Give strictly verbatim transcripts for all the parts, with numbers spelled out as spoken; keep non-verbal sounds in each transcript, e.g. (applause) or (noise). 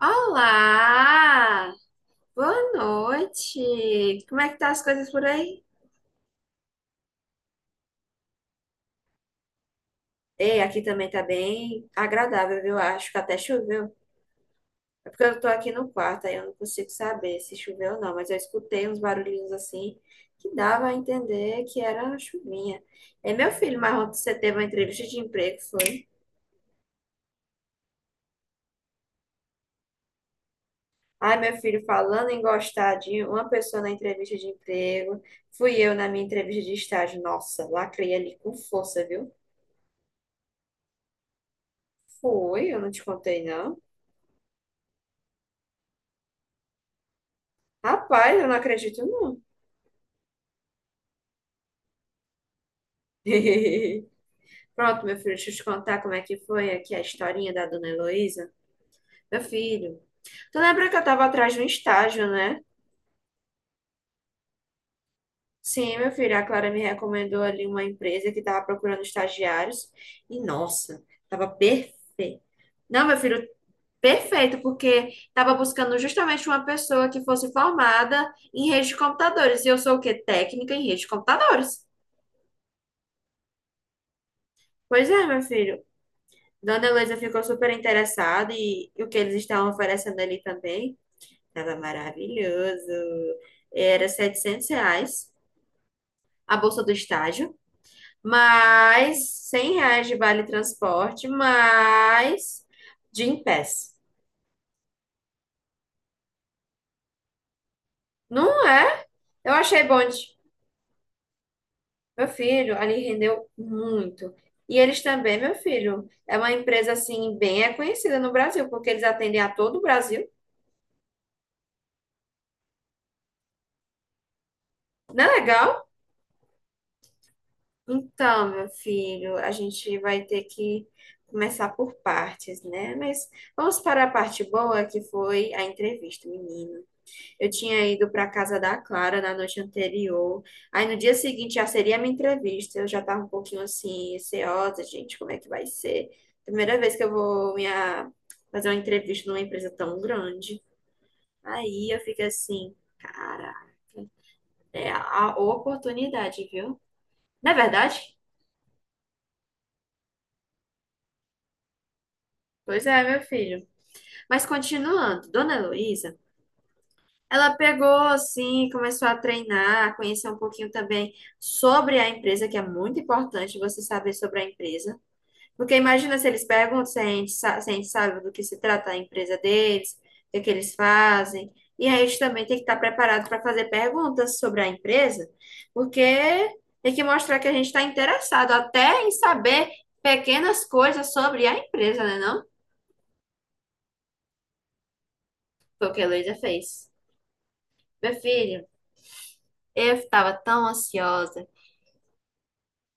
Olá! Boa noite! Como é que tá as coisas por aí? Ei, aqui também tá bem agradável, viu? Acho que até choveu. É porque eu tô aqui no quarto, aí eu não consigo saber se choveu ou não, mas eu escutei uns barulhinhos assim que dava a entender que era uma chuvinha. É, meu filho, mas ontem você teve uma entrevista de emprego, foi? Ai, meu filho, falando em gostar de uma pessoa na entrevista de emprego, fui eu na minha entrevista de estágio. Nossa, lacrei ali com força, viu? Foi, eu não te contei, não. Rapaz, eu não acredito, não. (laughs) Pronto, meu filho, deixa eu te contar como é que foi aqui a historinha da Dona Heloísa. Meu filho, tu lembra que eu tava atrás de um estágio, né? Sim, meu filho, a Clara me recomendou ali uma empresa que tava procurando estagiários. E, nossa, tava perfeito. Não, meu filho, perfeito, porque tava buscando justamente uma pessoa que fosse formada em rede de computadores. E eu sou o quê? Técnica em rede de computadores. Pois é, meu filho. Dona Heloísa ficou super interessada e, e o que eles estavam oferecendo ali também estava maravilhoso. Era setecentos reais a bolsa do estágio, mais cem reais de vale transporte, mais Gym Pass. Não é? Eu achei bom. de- Meu filho, ali rendeu muito. E eles também, meu filho, é uma empresa assim bem conhecida no Brasil, porque eles atendem a todo o Brasil. Não é legal? Então, meu filho, a gente vai ter que começar por partes, né? Mas vamos para a parte boa, que foi a entrevista, menino. Eu tinha ido para a casa da Clara na noite anterior. Aí no dia seguinte já seria a minha entrevista. Eu já estava um pouquinho assim, receosa, gente, como é que vai ser? Primeira vez que eu vou minha... fazer uma entrevista numa empresa tão grande. Aí eu fico assim, cara, é a a oportunidade, viu? Não é verdade? Pois é, meu filho. Mas continuando, Dona Heloísa, ela pegou assim, começou a treinar, conhecer um pouquinho também sobre a empresa, que é muito importante você saber sobre a empresa. Porque imagina se eles perguntam se a gente, sa- se a gente sabe do que se trata a empresa deles, o que, que eles fazem. E aí a gente também tem que estar preparado para fazer perguntas sobre a empresa, porque tem que mostrar que a gente está interessado até em saber pequenas coisas sobre a empresa, né, não? Foi o que a Heloísa fez. Meu filho. Eu estava tão ansiosa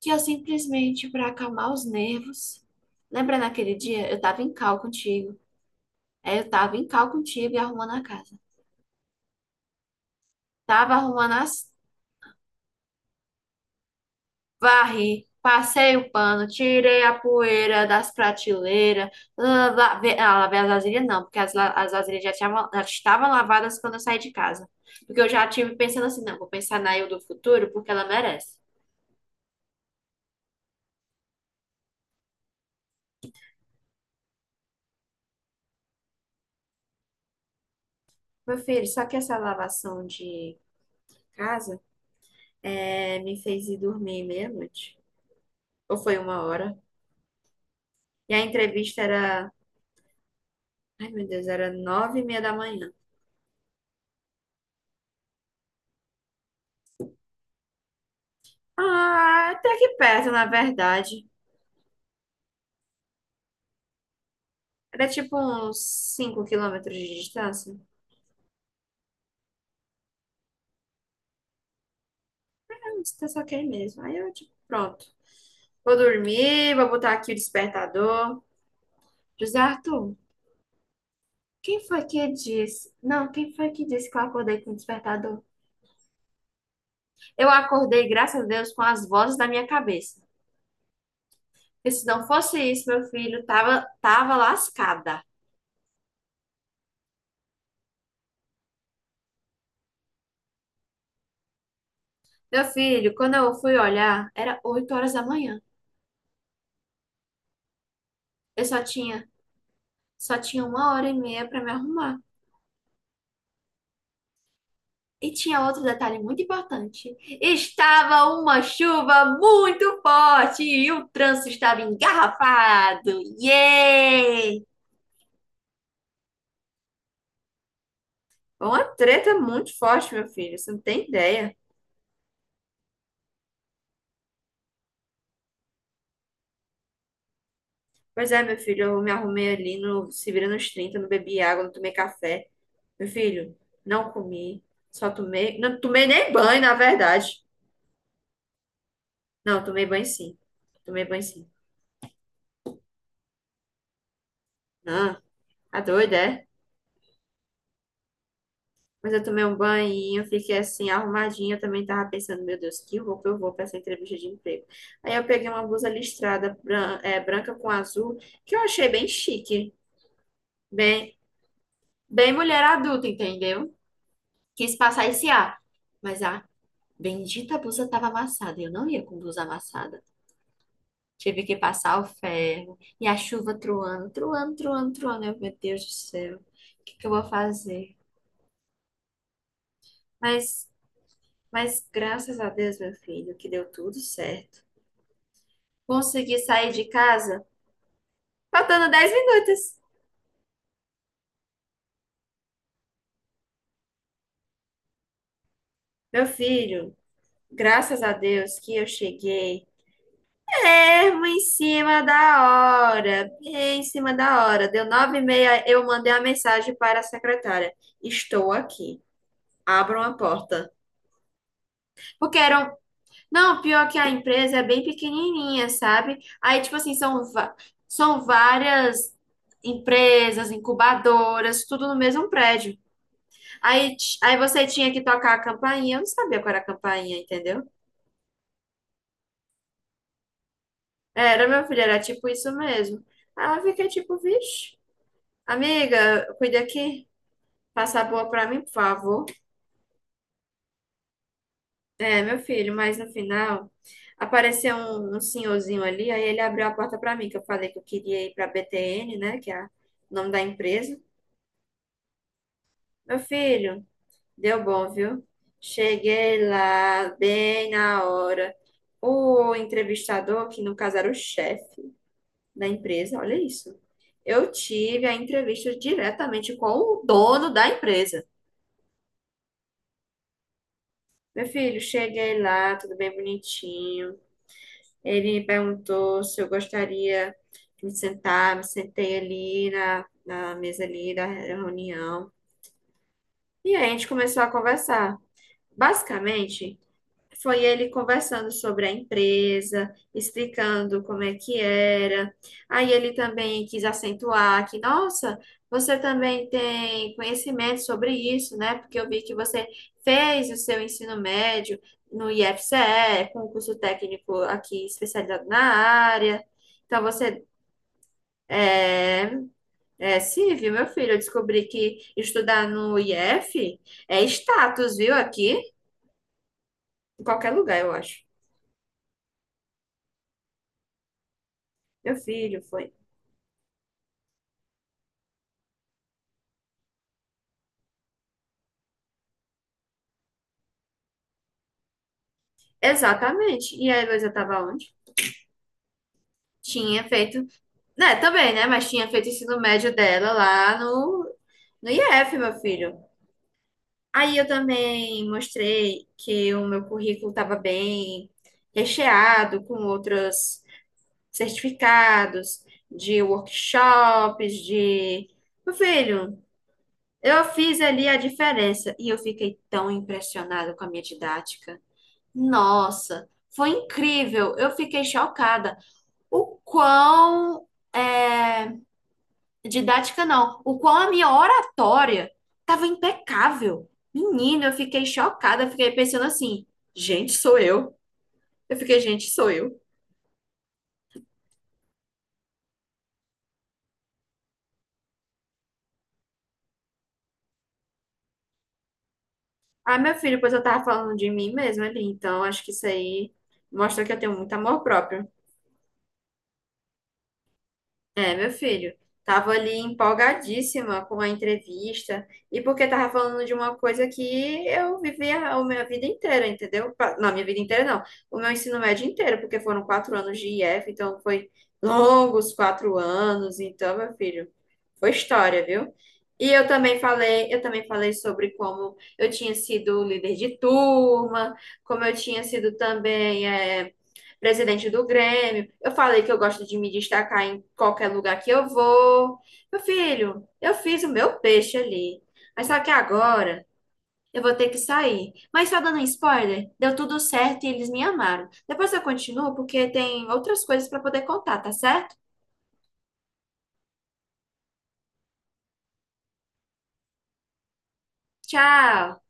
que eu simplesmente, para acalmar os nervos, lembra naquele dia? Eu estava em cal contigo. Aí eu estava em cal contigo e arrumando a casa. Tava arrumando as... Varri, passei o pano, tirei a poeira das prateleiras. la- Lavei, ah, lavei as vasilhas não, porque as, la- as vasilhas já, tinham- já estavam lavadas quando eu saí de casa. Porque eu já tive pensando assim, não, vou pensar na eu do futuro porque ela merece. Meu filho, só que essa lavação de casa é, me fez ir dormir meia-noite. Ou foi uma hora. E a entrevista era, ai meu Deus, era nove e meia da manhã. Ah, até que perto, na verdade. Era tipo uns cinco quilômetros de distância. É uma distância ok mesmo. Aí eu, tipo, pronto. Vou dormir, vou botar aqui o despertador. José Arthur, quem foi que disse? Não, quem foi que disse que eu acordei com o despertador? Eu acordei, graças a Deus, com as vozes da minha cabeça. Porque se não fosse isso, meu filho tava, tava lascada. Meu filho, quando eu fui olhar, era oito horas da manhã. Eu só tinha, só tinha uma hora e meia para me arrumar. E tinha outro detalhe muito importante. Estava uma chuva muito forte e o trânsito estava engarrafado. Yay! Foi uma treta muito forte, meu filho. Você não tem ideia. Pois é, meu filho, eu me arrumei ali no se vira nos trinta, não bebi água, não tomei café. Meu filho, não comi, só tomei, não tomei nem banho, na verdade. Não, tomei banho sim. Tomei banho sim. Não, tá doida, é? Mas eu tomei um banho, fiquei assim, arrumadinha. Eu também tava pensando, meu Deus, que roupa eu vou pra essa entrevista de emprego. Aí eu peguei uma blusa listrada, bran- é, branca com azul, que eu achei bem chique. Bem, bem mulher adulta, entendeu? Quis passar esse ar. Mas a bendita blusa tava amassada. Eu não ia com blusa amassada. Tive que passar o ferro. E a chuva truando, truando, truando, truando. Eu, meu Deus do céu, o que que eu vou fazer? Mas, mas, graças a Deus, meu filho, que deu tudo certo. Consegui sair de casa faltando dez minutos. Meu filho, graças a Deus que eu cheguei. Mesmo em cima da hora, bem em cima da hora. Deu nove e meia, eu mandei a mensagem para a secretária. Estou aqui. Abram a porta. Porque eram Não, pior que a empresa é bem pequenininha, sabe? Aí, tipo assim, são, va- são várias empresas, incubadoras, tudo no mesmo prédio. Aí, ti- aí você tinha que tocar a campainha. Eu não sabia qual era a campainha, entendeu? Era, meu filho, era tipo isso mesmo. Aí eu fiquei tipo, vixe, amiga, cuida aqui. Passa a boa pra mim, por favor. É, meu filho, mas no final apareceu um, um senhorzinho ali, aí ele abriu a porta pra mim, que eu falei que eu queria ir pra B T N, né, que é a- o nome da empresa. Meu filho, deu bom, viu? Cheguei lá bem na hora. O entrevistador, que no caso era o chefe da empresa, olha isso. Eu tive a entrevista diretamente com o dono da empresa. Meu filho, cheguei lá, tudo bem bonitinho. Ele me perguntou se eu gostaria de me sentar, me sentei ali na, na mesa ali da reunião. E aí a gente começou a conversar. Basicamente, foi ele conversando sobre a empresa, explicando como é que era. Aí ele também quis acentuar que, nossa, você também tem conhecimento sobre isso, né? Porque eu vi que você fez o seu ensino médio no I F C E, com um curso técnico aqui especializado na área. Então você é, é sim, viu meu filho. Eu descobri que estudar no I F é status, viu? Aqui, em qualquer lugar, eu acho. Meu filho, foi. Exatamente. E a Heloísa estava onde? Tinha feito, né, também, né, mas tinha feito o ensino médio dela lá no, no I F, meu filho. Aí eu também mostrei que o meu currículo estava bem recheado com outros certificados de workshops, de... Meu filho, eu fiz ali a diferença e eu fiquei tão impressionada com a minha didática. Nossa, foi incrível. Eu fiquei chocada. O quão é, didática não, o quão a minha oratória estava impecável. Menino, eu fiquei chocada, eu fiquei pensando assim, gente, sou eu. Eu fiquei, gente, sou eu. Ah, meu filho, pois eu tava falando de mim mesma ali, então acho que isso aí mostra que eu tenho muito amor próprio. É, meu filho, tava ali empolgadíssima com a entrevista e porque tava falando de uma coisa que eu vivi a a minha vida inteira, entendeu? Pa- Não, minha vida inteira não, o meu ensino médio inteiro, porque foram quatro anos de I F, então foi longos quatro anos, então, meu filho, foi história, viu? E eu também falei, eu também falei sobre como eu tinha sido líder de turma, como eu tinha sido também, é, presidente do Grêmio. Eu falei que eu gosto de me destacar em qualquer lugar que eu vou. Meu filho, eu fiz o meu peixe ali. Mas só que agora eu vou ter que sair. Mas só dando um spoiler, deu tudo certo e eles me amaram. Depois eu continuo porque tem outras coisas para poder contar, tá certo? Tchau!